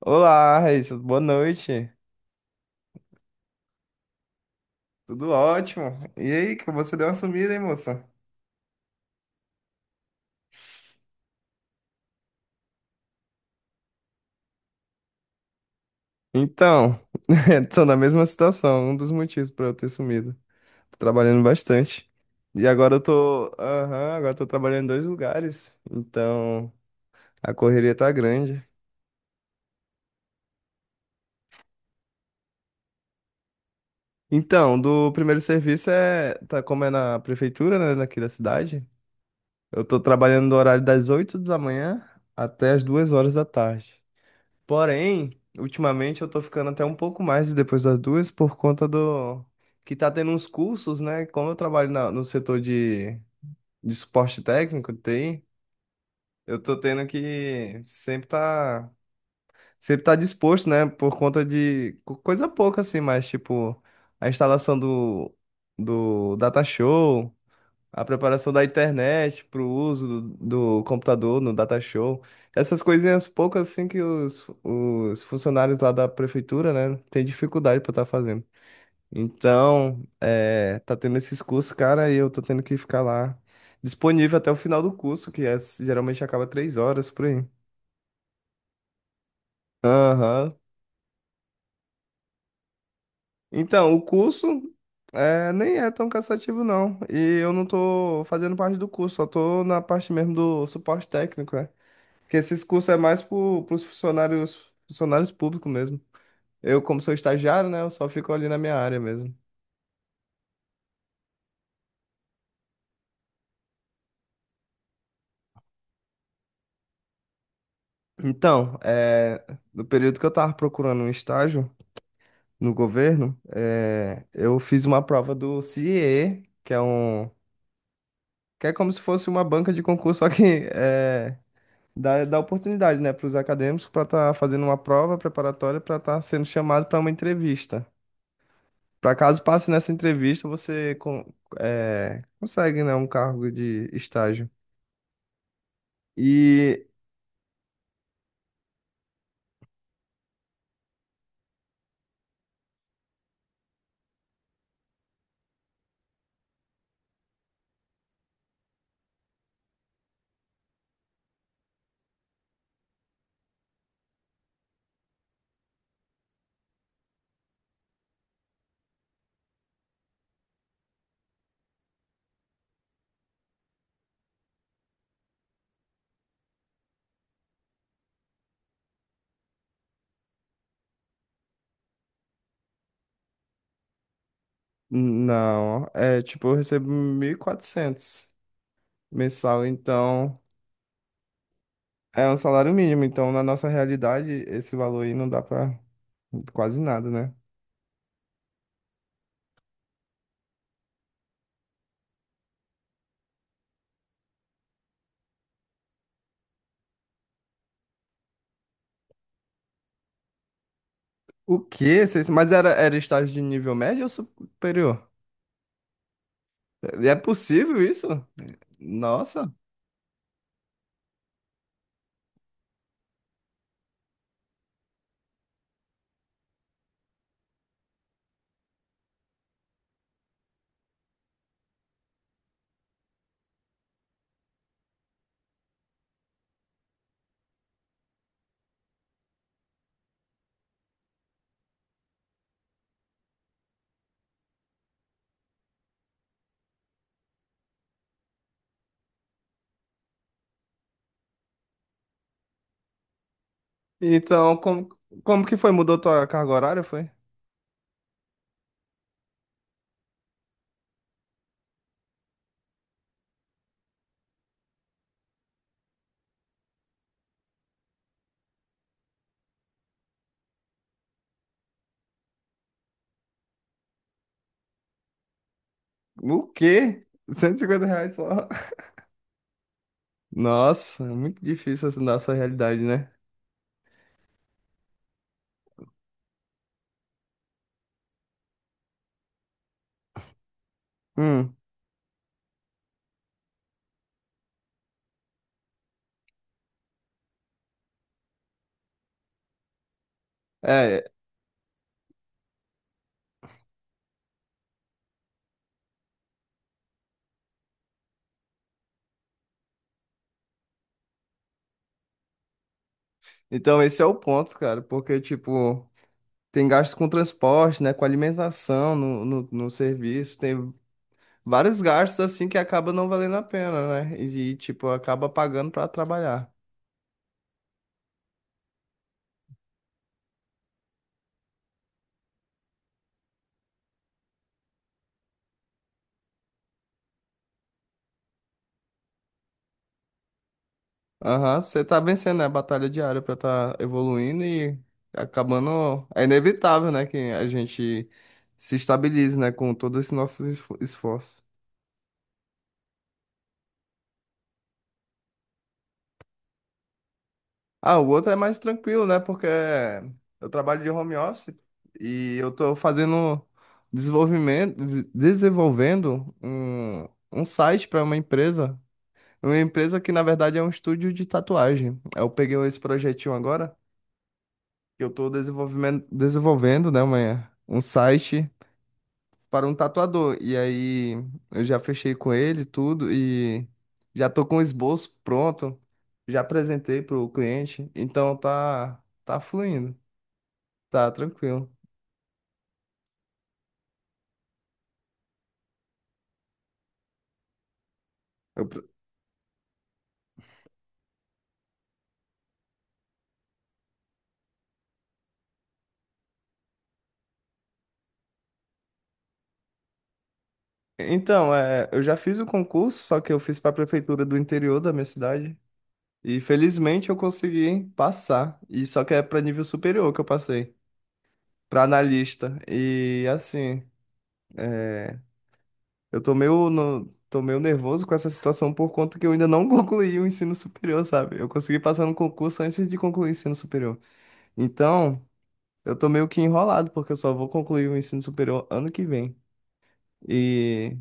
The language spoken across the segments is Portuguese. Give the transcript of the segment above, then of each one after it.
Olá, Raíssa, boa noite. Tudo ótimo. E aí, que você deu uma sumida, hein, moça? Então, tô na mesma situação, um dos motivos pra eu ter sumido. Tô trabalhando bastante. E agora agora eu tô trabalhando em dois lugares, então a correria tá grande. Então, do primeiro serviço é, tá como é na prefeitura, né, daqui da cidade. Eu tô trabalhando no horário das 8 da manhã até as 2 horas da tarde. Porém, ultimamente eu tô ficando até um pouco mais depois das duas por conta do que tá tendo uns cursos, né? Como eu trabalho no setor de suporte técnico, TI, eu tô tendo que sempre tá disposto, né? Por conta de coisa pouca assim, mas tipo a instalação do data show, a preparação da internet para o uso do computador no data show. Essas coisinhas poucas assim que os funcionários lá da prefeitura, né, têm dificuldade para estar fazendo. Então, é, tá tendo esses cursos, cara, e eu tô tendo que ficar lá disponível até o final do curso, que é, geralmente acaba 3 horas por aí. Aham. Então, o curso é, nem é tão cansativo, não. E eu não tô fazendo parte do curso, só tô na parte mesmo do suporte técnico, né? Porque esses cursos é mais para os funcionários, funcionários públicos mesmo. Eu, como sou estagiário, né, eu só fico ali na minha área mesmo. Então, é, no período que eu estava procurando um estágio no governo, é, eu fiz uma prova do Ciee, que é como se fosse uma banca de concurso, só que é, dá oportunidade, né, para os acadêmicos para estar fazendo uma prova preparatória para estar sendo chamado para uma entrevista. Para caso passe nessa entrevista, você consegue, né, um cargo de estágio. E não, é tipo, eu recebo 1.400 mensal, então é um salário mínimo. Então, na nossa realidade, esse valor aí não dá para quase nada, né? O quê? Mas era estágio de nível médio ou superior? É possível isso? Nossa. Então, como que foi? Mudou tua carga horária, foi? O quê? R$ 150 só. Nossa, é muito difícil essa nossa realidade, né? Hum, é, então esse é o ponto, cara, porque, tipo, tem gastos com transporte, né, com alimentação no serviço, tem vários gastos, assim, que acaba não valendo a pena, né? E, tipo, acaba pagando pra trabalhar. Aham, você tá vencendo, né, a batalha diária pra tá evoluindo e acabando. É inevitável, né, que a gente se estabilize, né, com todo esse nosso esforço. Ah, o outro é mais tranquilo, né? Porque eu trabalho de home office e eu tô fazendo desenvolvendo um site para uma empresa. Uma empresa que, na verdade, é um estúdio de tatuagem. Eu peguei esse projetinho agora, que eu tô desenvolvendo, né, um site para um tatuador. E aí eu já fechei com ele tudo e já tô com o esboço pronto, já apresentei pro cliente, então tá fluindo, tá tranquilo. Eu pre- então, é, eu já fiz o concurso, só que eu fiz para a prefeitura do interior da minha cidade e felizmente eu consegui passar. E só que é para nível superior que eu passei, para analista. E assim, é, eu tô meio nervoso com essa situação por conta que eu ainda não concluí o ensino superior, sabe? Eu consegui passar no concurso antes de concluir o ensino superior. Então, eu tô meio que enrolado, porque eu só vou concluir o ensino superior ano que vem. E,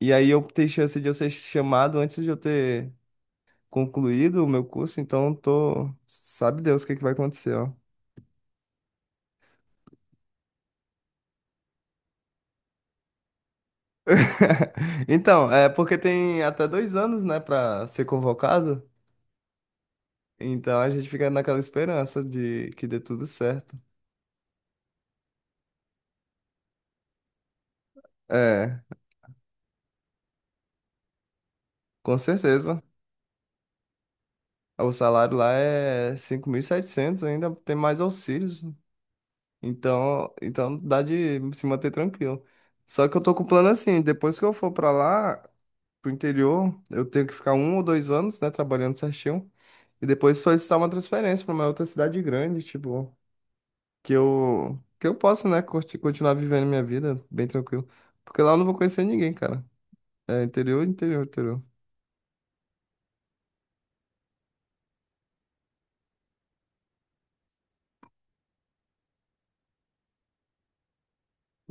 e aí eu tenho chance de eu ser chamado antes de eu ter concluído o meu curso, então eu tô. Sabe Deus o que é que vai acontecer, ó. Então, é porque tem até 2 anos, né, pra ser convocado. Então a gente fica naquela esperança de que dê tudo certo. É, com certeza. O salário lá é 5.700, ainda tem mais auxílios. Então, então dá de se manter tranquilo. Só que eu tô com o plano assim, depois que eu for pra lá, pro interior, eu tenho que ficar 1 ou 2 anos, né, trabalhando certinho. E depois solicitar uma transferência pra uma outra cidade grande, tipo, que eu possa, né, continuar vivendo minha vida bem tranquilo. Porque lá eu não vou conhecer ninguém, cara. É interior, interior, interior.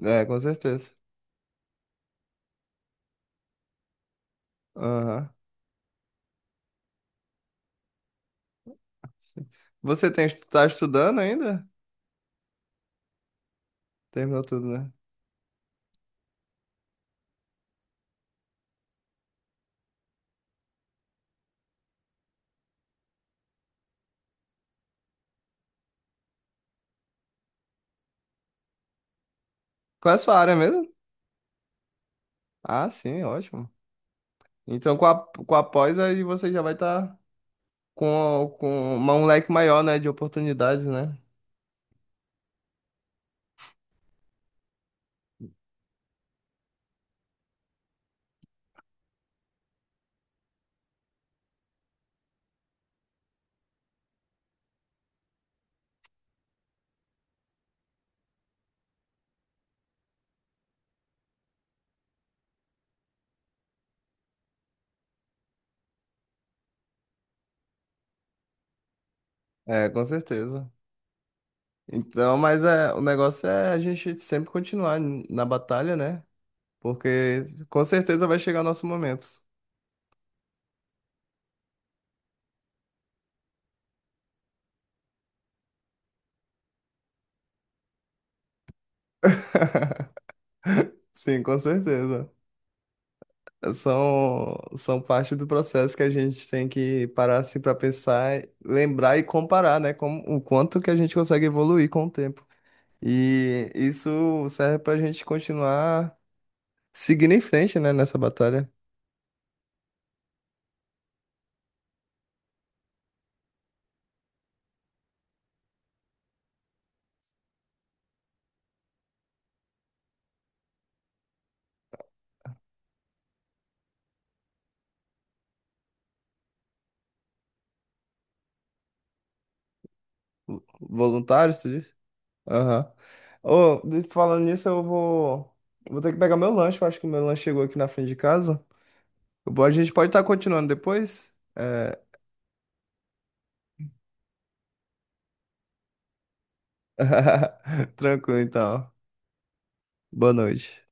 É, com certeza. Aham. Sim. Você tem, tá estudando ainda? Terminou tudo, né? Qual é a sua área mesmo? Ah, sim, ótimo. Então, com a pós, aí você já vai estar com um leque maior, né, de oportunidades, né? É, com certeza. Então, mas é, o negócio é a gente sempre continuar na batalha, né? Porque com certeza vai chegar o nosso momento. Sim, com certeza. São parte do processo que a gente tem que parar assim para pensar, lembrar e comparar, né? Com o quanto que a gente consegue evoluir com o tempo. E isso serve para a gente continuar seguindo em frente, né? Nessa batalha. Voluntários, tu disse? Aham. Ô, falando nisso, eu vou ter que pegar meu lanche. Eu acho que meu lanche chegou aqui na frente de casa. Bom, a gente pode estar continuando depois? É... Tranquilo, então. Boa noite.